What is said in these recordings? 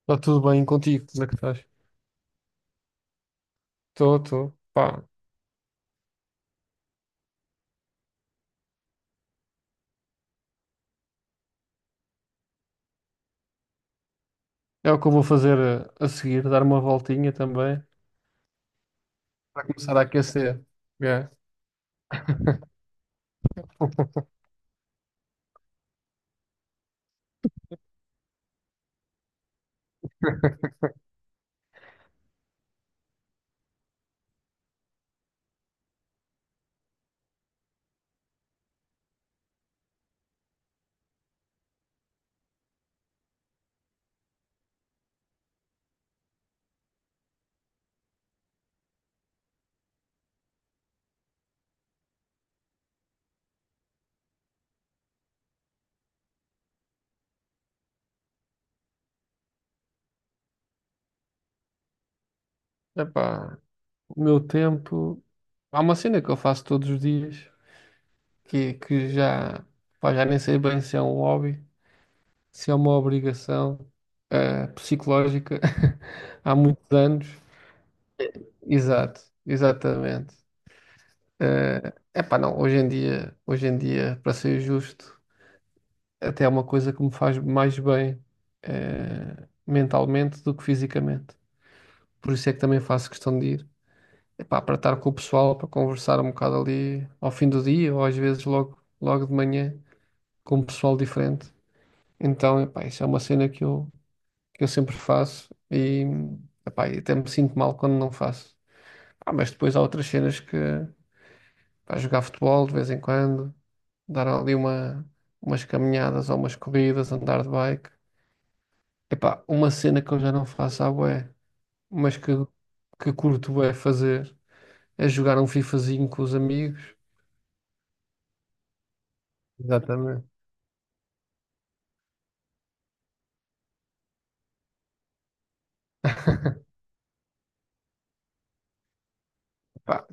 Está tudo bem contigo? Como é que estás? Estou, estou. Pá, é o que eu vou fazer a seguir, dar uma voltinha também, para começar a aquecer. É. Epá, o meu tempo. Há uma cena que eu faço todos os dias, que já, pá, já nem sei bem se é um hobby, se é uma obrigação psicológica, há muitos anos. Exato, exatamente. É, epá, não, hoje em dia, para ser justo, até é uma coisa que me faz mais bem mentalmente do que fisicamente. Por isso é que também faço questão de ir. Epá, para estar com o pessoal, para conversar um bocado ali ao fim do dia ou às vezes logo, logo de manhã com um pessoal diferente. Então, epá, isso é uma cena que eu sempre faço e, epá, e até me sinto mal quando não faço. Ah, mas depois há outras cenas que, pá, jogar futebol de vez em quando, dar ali umas caminhadas ou umas corridas, andar de bike. Epá, uma cena que eu já não faço à bué, mas que curto bué fazer, é jogar um FIFAzinho com os amigos. Exatamente. Pá,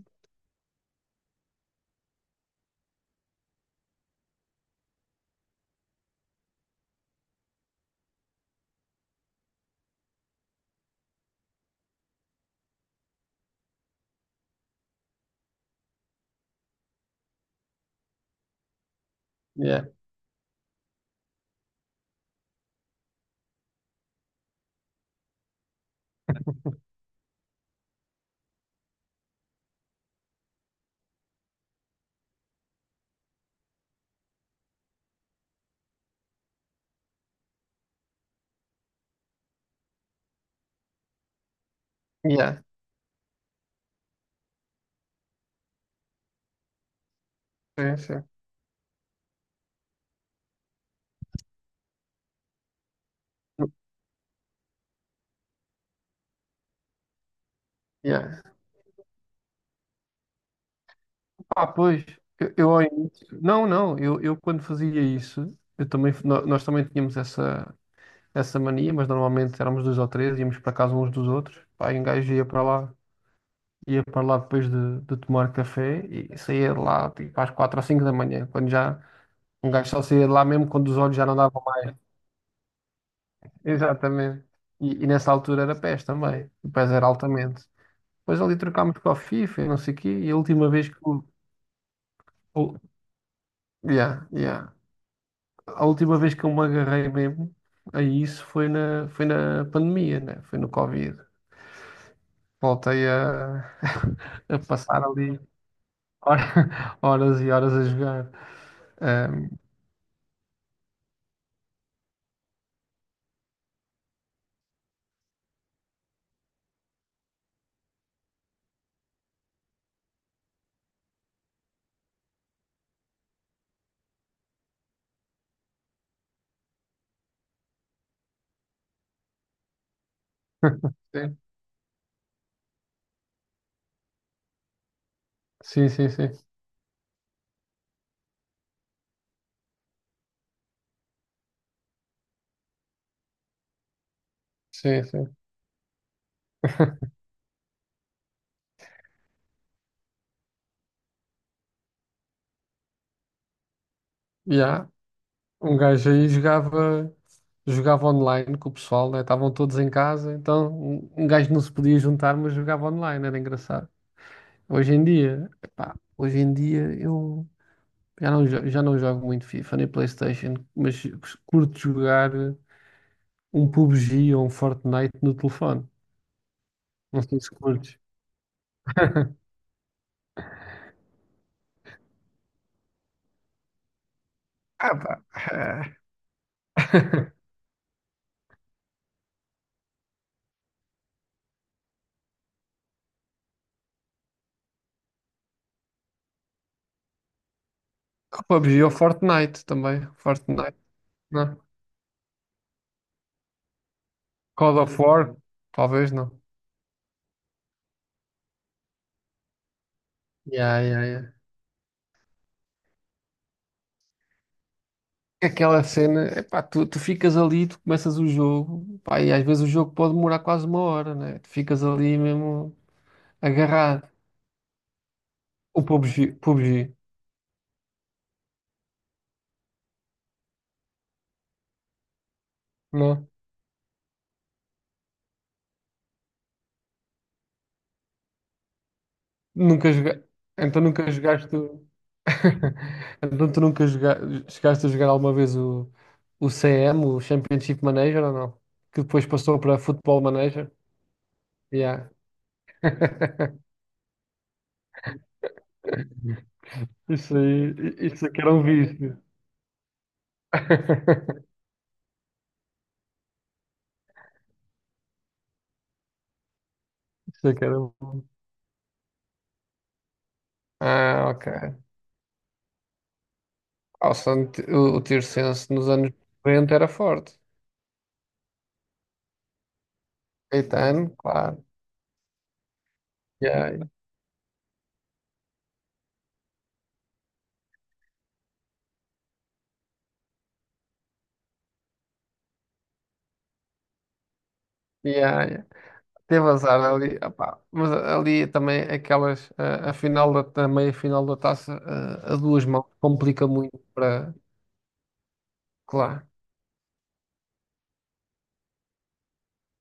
yeah, yeah, sim, sim. Yeah. Ah, pois, eu não, não, eu quando fazia isso, eu também, nós também tínhamos essa mania, mas normalmente éramos dois ou três, íamos para casa uns dos outros, pá, e um gajo ia para lá depois de tomar café e saía de lá tipo às quatro ou cinco da manhã, quando já... Um gajo só saía de lá mesmo quando os olhos já não davam mais. Exatamente. E nessa altura era PES também. O PES era altamente. Depois ali trocámos para o FIFA e não sei o quê. E a última vez que eu... o- yeah, yeah. A última vez que eu me agarrei mesmo a isso foi na pandemia, né? Foi no Covid. Voltei a passar ali horas e horas a jogar. Ahm, sim, sim, sim. Sim, sim. Sim. Yeah. Um gajo aí jogava online com o pessoal, né? Estavam todos em casa, então um gajo não se podia juntar, mas jogava online, era engraçado. Hoje em dia, epá, hoje em dia eu já não... já não jogo muito FIFA nem PlayStation, mas curto jogar um PUBG ou um Fortnite no telefone. Não sei se curtes. Ah, pá. O PUBG ou Fortnite também. Fortnite, não. Call of War, talvez não. Yeah, yeah, yeah. Aquela cena, epá, tu ficas ali, tu começas o jogo, pá, e às vezes o jogo pode demorar quase uma hora, né? Tu ficas ali mesmo agarrado. O PUBG, PUBG, não? Nunca joga. Então nunca jogaste. Então tu nunca joga. Chegaste a jogar alguma vez o CM, o Championship Manager ou não? Que depois passou para Football Manager? Yeah. Isso aí, isso aqui era um vício. Isso aqui era um. Ah, ok. Ah, o, Sant- o Tirsense nos anos 90 era forte. Caetano, claro. Yeah, yeah, yeah. Teve azar ali, opá. Mas ali também aquelas, a final a meia final da taça, a duas mãos, complica muito para... Claro.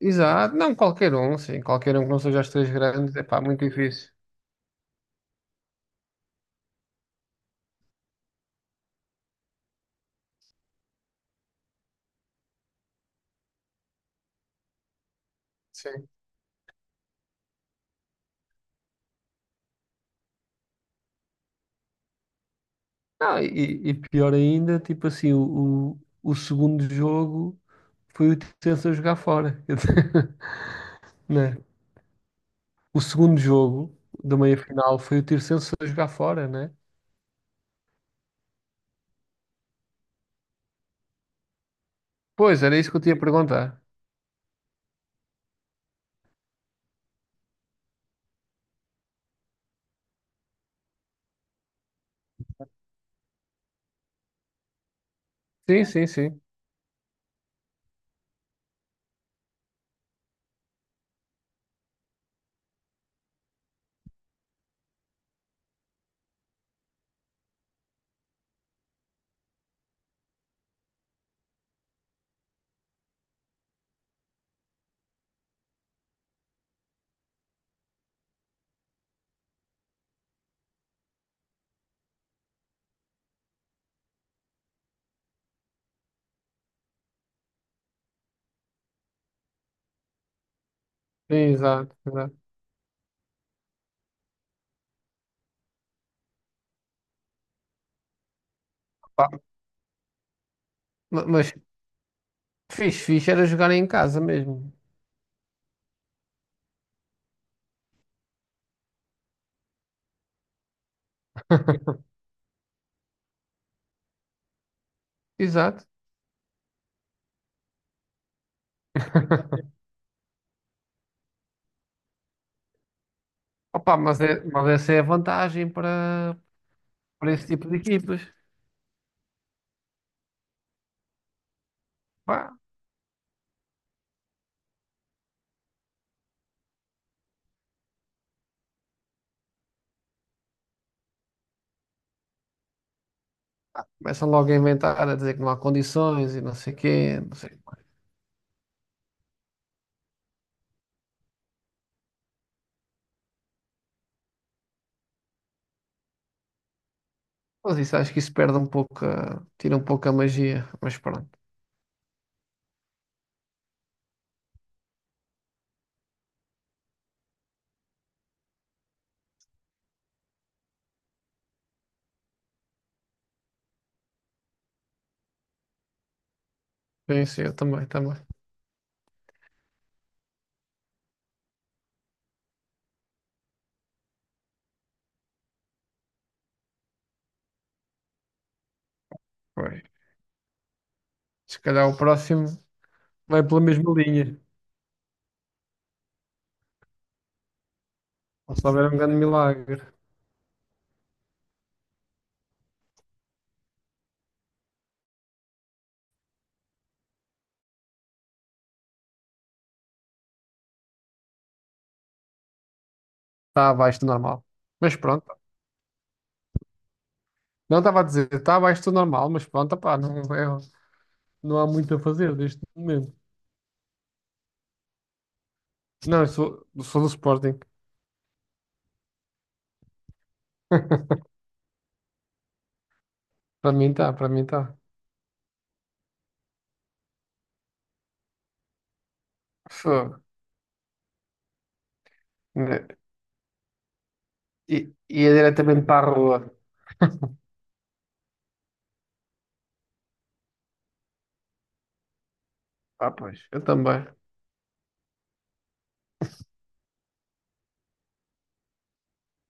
Exato. Não, qualquer um, sim. Qualquer um que não seja as três grandes, é pá, muito difícil. Sim. Não, e pior ainda, tipo assim, o segundo jogo foi o Tirsense a jogar fora. Né? O segundo jogo da meia-final foi o Tirsenso a jogar fora, né? Pois, era isso que eu tinha a perguntar. Sim, sim, sim. Sim, exato, exato. Pá, mas fixe, fixe era jogar em casa mesmo. Exato. Opa, mas essa é a vantagem para, esse tipo de equipas. Pá, começam logo a inventar, a dizer que não há condições e não sei quê, não sei o quê. Mas isso acho que isso perde um pouco, tira um pouco a magia. Mas pronto. Sim, sim, eu também, também. Pois. Se calhar o próximo vai pela mesma linha. Ou se houver um grande milagre. Está abaixo do normal. Mas pronto. Não estava a dizer, está abaixo do normal, mas pronto, pá, não, não há muito a fazer neste momento. Não, eu sou do Sporting. Para mim está, para mim está. Fogo. Né? Ia diretamente para a rua. Ah, pois, eu também.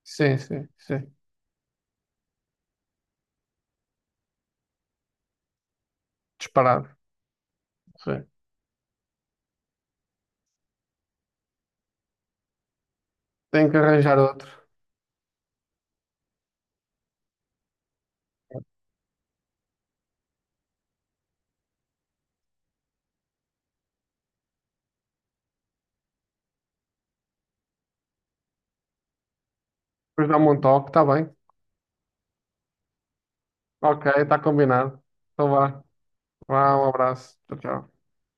Sim, sim, sim. Disparado. Sim. Tenho que arranjar outro. Depois dá-me um toque, está bem. Ok, está combinado. Então vá. Vá, um abraço. Tchau, tchau.